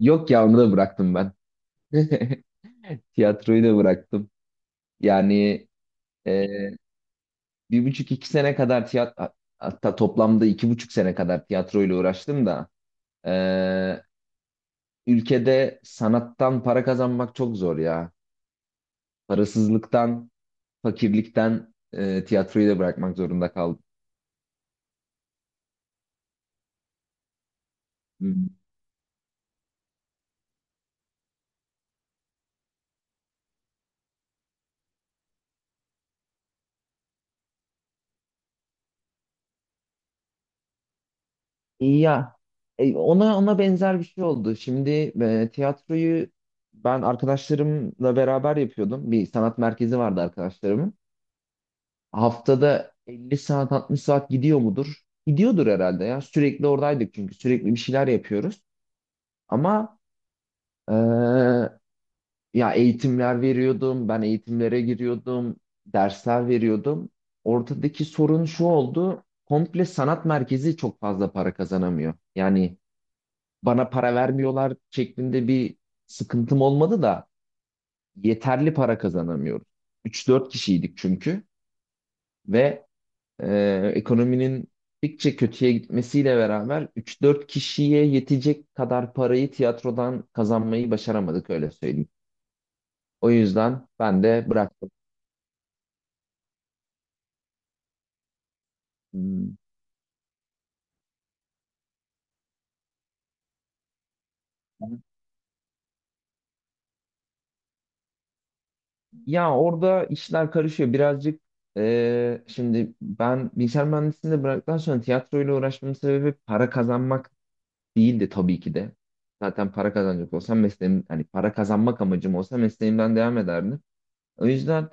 Yok ya onu da bıraktım ben. Tiyatroyu da bıraktım. Yani e, bir buçuk iki sene kadar tiyatro, hatta toplamda 2,5 sene kadar tiyatroyla uğraştım da e, ülkede sanattan para kazanmak çok zor ya. Parasızlıktan, fakirlikten tiyatroyu da bırakmak zorunda kaldım. Ya ona benzer bir şey oldu. Şimdi tiyatroyu ben arkadaşlarımla beraber yapıyordum. Bir sanat merkezi vardı arkadaşlarımın. Haftada 50 saat, 60 saat gidiyor mudur? Gidiyordur herhalde ya. Sürekli oradaydık çünkü sürekli bir şeyler yapıyoruz. Ama e, ya eğitimler veriyordum, ben eğitimlere giriyordum, dersler veriyordum. Ortadaki sorun şu oldu. Komple sanat merkezi çok fazla para kazanamıyor. Yani bana para vermiyorlar şeklinde bir sıkıntım olmadı da yeterli para kazanamıyoruz. Üç dört kişiydik çünkü, ve ekonominin gittikçe kötüye gitmesiyle beraber üç dört kişiye yetecek kadar parayı tiyatrodan kazanmayı başaramadık, öyle söyleyeyim. O yüzden ben de bıraktım. Hmm. Ya orada işler karışıyor birazcık. Şimdi ben bilgisayar mühendisliğini de bıraktıktan sonra tiyatroyla uğraşmamın sebebi para kazanmak değildi tabii ki de. Zaten para kazanacak olsam mesleğim, hani para kazanmak amacım olsa mesleğimden devam ederdim. O yüzden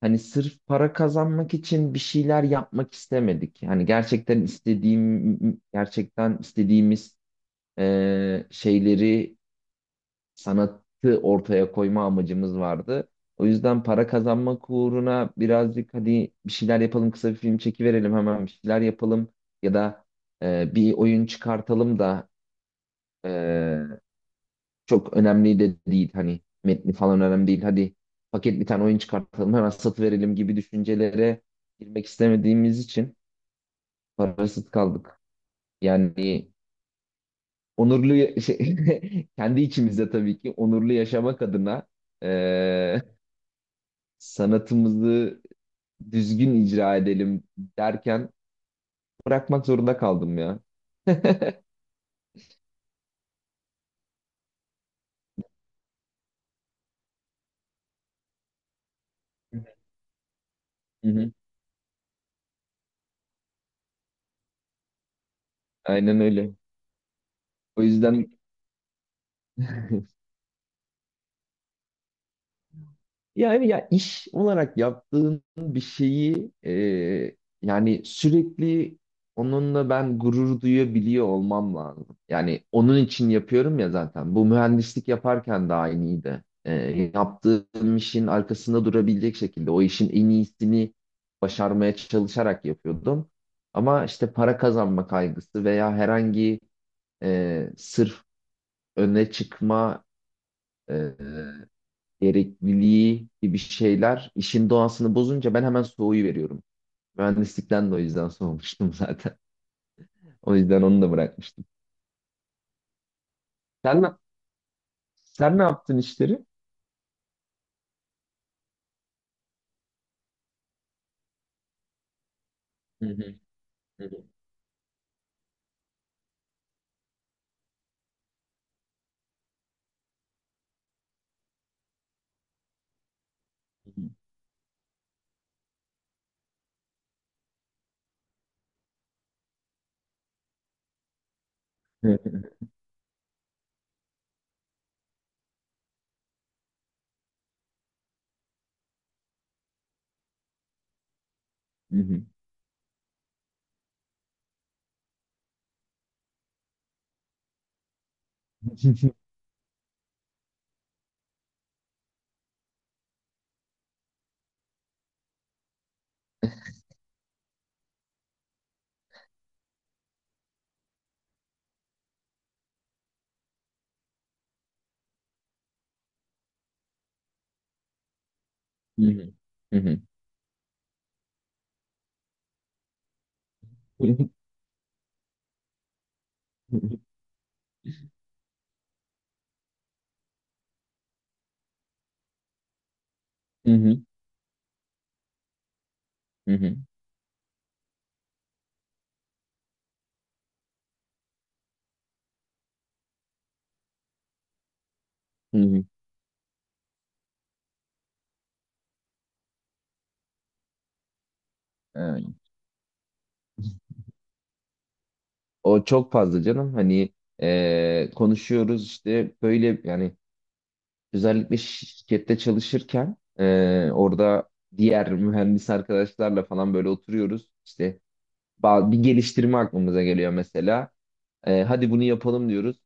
hani sırf para kazanmak için bir şeyler yapmak istemedik. Yani gerçekten istediğimiz şeyleri, sanatı ortaya koyma amacımız vardı. O yüzden para kazanmak uğruna birazcık, hadi bir şeyler yapalım, kısa bir film çekiverelim, hemen bir şeyler yapalım ya da bir oyun çıkartalım da çok önemli de değil, hani metni falan önemli değil. Hadi paket bir tane oyun çıkartalım, hemen satıverelim gibi düşüncelere girmek istemediğimiz için parasız kaldık. Yani onurlu, kendi içimizde tabii ki onurlu yaşamak adına eee, sanatımızı düzgün icra edelim derken bırakmak zorunda kaldım ya. Hı hı. Aynen öyle. O yüzden. Yani ya iş olarak yaptığın bir şeyi, yani sürekli onunla ben gurur duyabiliyor olmam lazım. Yani onun için yapıyorum ya zaten. Bu mühendislik yaparken de aynıydı. Yaptığım işin arkasında durabilecek şekilde o işin en iyisini başarmaya çalışarak yapıyordum. Ama işte para kazanma kaygısı veya herhangi sırf öne çıkma gerekliliği gibi şeyler işin doğasını bozunca ben hemen soğuyu veriyorum. Mühendislikten de o yüzden soğumuştum zaten. O yüzden onu da bırakmıştım. Sen ne, sen ne yaptın işleri? Hı hı, hı hı, hı hı, hı hı, hı hı, hı hı, hı hı, hı hı, hı hı. Evet. O çok fazla canım. Hani konuşuyoruz işte, böyle yani özellikle şirkette çalışırken orada diğer mühendis arkadaşlarla falan böyle oturuyoruz. İşte bir geliştirme aklımıza geliyor mesela. Hadi bunu yapalım diyoruz.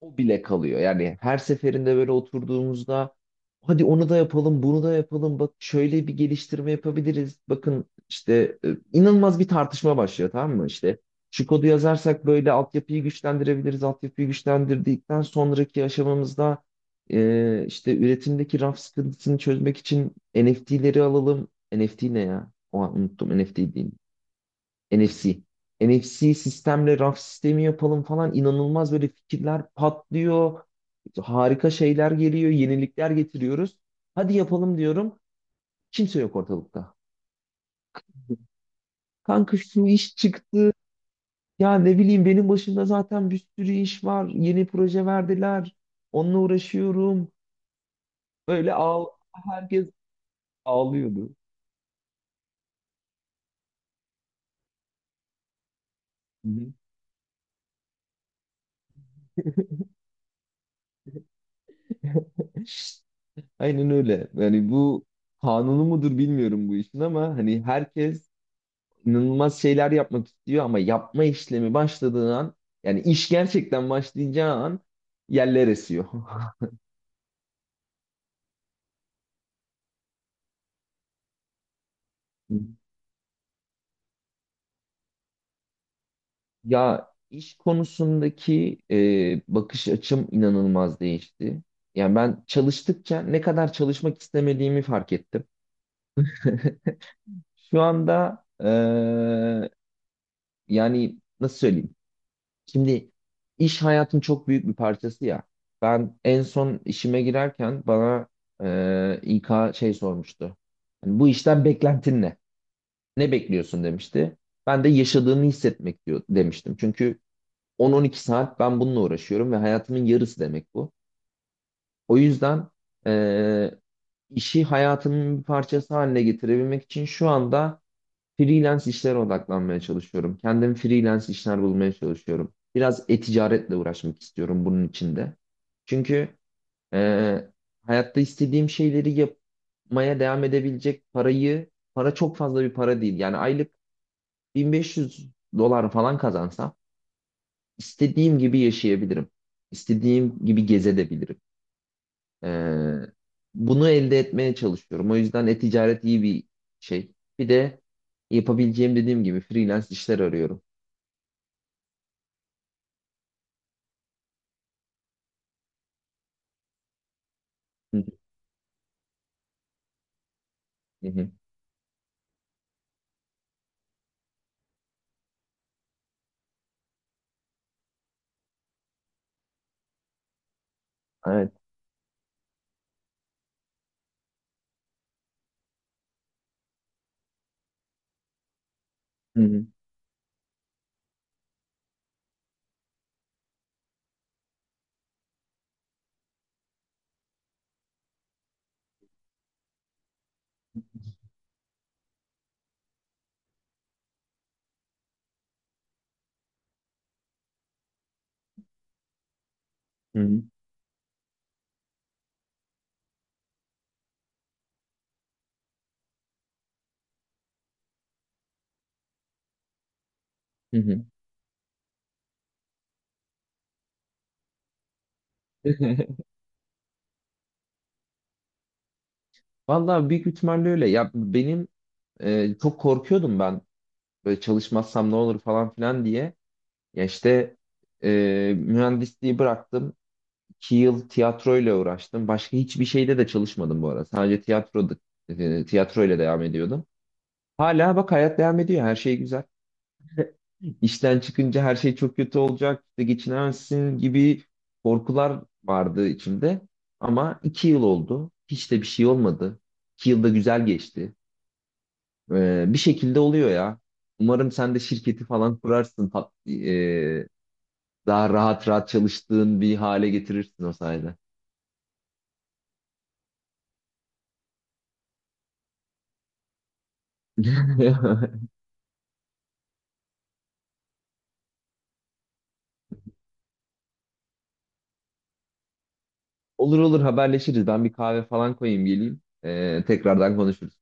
O bile kalıyor. Yani her seferinde böyle oturduğumuzda hadi onu da yapalım, bunu da yapalım. Bak şöyle bir geliştirme yapabiliriz. Bakın işte inanılmaz bir tartışma başlıyor, tamam mı? İşte şu kodu yazarsak böyle altyapıyı güçlendirebiliriz. Altyapıyı güçlendirdikten sonraki aşamamızda işte üretimdeki raf sıkıntısını çözmek için NFT'leri alalım. NFT ne ya? O an unuttum. NFT değil. NFC. NFC sistemle raf sistemi yapalım falan, inanılmaz böyle fikirler patlıyor. Harika şeyler geliyor, yenilikler getiriyoruz. Hadi yapalım diyorum. Kimse yok ortalıkta. Kanka şu iş çıktı. Ya ne bileyim benim başımda zaten bir sürü iş var. Yeni proje verdiler. Onunla uğraşıyorum. Böyle herkes ağlıyordu. Hı hı. Aynen öyle. Yani bu kanunu mudur bilmiyorum bu işin, ama hani herkes inanılmaz şeyler yapmak istiyor ama yapma işlemi başladığı an, yani iş gerçekten başlayacağı an yerler esiyor. Ya iş konusundaki bakış açım inanılmaz değişti. Yani ben çalıştıkça ne kadar çalışmak istemediğimi fark ettim. Şu anda yani nasıl söyleyeyim? Şimdi iş hayatın çok büyük bir parçası ya. Ben en son işime girerken bana İK sormuştu. Hani bu işten beklentin ne? Ne bekliyorsun demişti. Ben de yaşadığını hissetmek diyor, demiştim. Çünkü 10-12 saat ben bununla uğraşıyorum ve hayatımın yarısı demek bu. O yüzden e, işi hayatımın bir parçası haline getirebilmek için şu anda freelance işlere odaklanmaya çalışıyorum. Kendim freelance işler bulmaya çalışıyorum. Biraz e-ticaretle uğraşmak istiyorum bunun içinde. Çünkü e, hayatta istediğim şeyleri yapmaya devam edebilecek parayı, para çok fazla bir para değil. Yani aylık 1500 dolar falan kazansam istediğim gibi yaşayabilirim. İstediğim gibi gezebilirim. E, bunu elde etmeye çalışıyorum. O yüzden e-ticaret iyi bir şey. Bir de yapabileceğim, dediğim gibi, freelance işler arıyorum. Hı hı, hı hı. Evet. Hı hı, hı hı, hı hı. Vallahi büyük ihtimalle öyle. Ya benim çok korkuyordum ben böyle çalışmazsam ne olur falan filan diye. Ya işte e, mühendisliği bıraktım. 2 yıl tiyatroyla uğraştım. Başka hiçbir şeyde de çalışmadım bu arada. Sadece tiyatroyla devam ediyordum. Hala bak hayat devam ediyor. Her şey güzel. İşten çıkınca her şey çok kötü olacak, işte geçinemezsin gibi korkular vardı içimde. Ama 2 yıl oldu. Hiç de bir şey olmadı. 2 yılda güzel geçti. Bir şekilde oluyor ya. Umarım sen de şirketi falan kurarsın. Daha rahat rahat çalıştığın bir hale getirirsin o sayede. Olur olur haberleşiriz. Ben bir kahve falan koyayım geleyim. Tekrardan konuşuruz.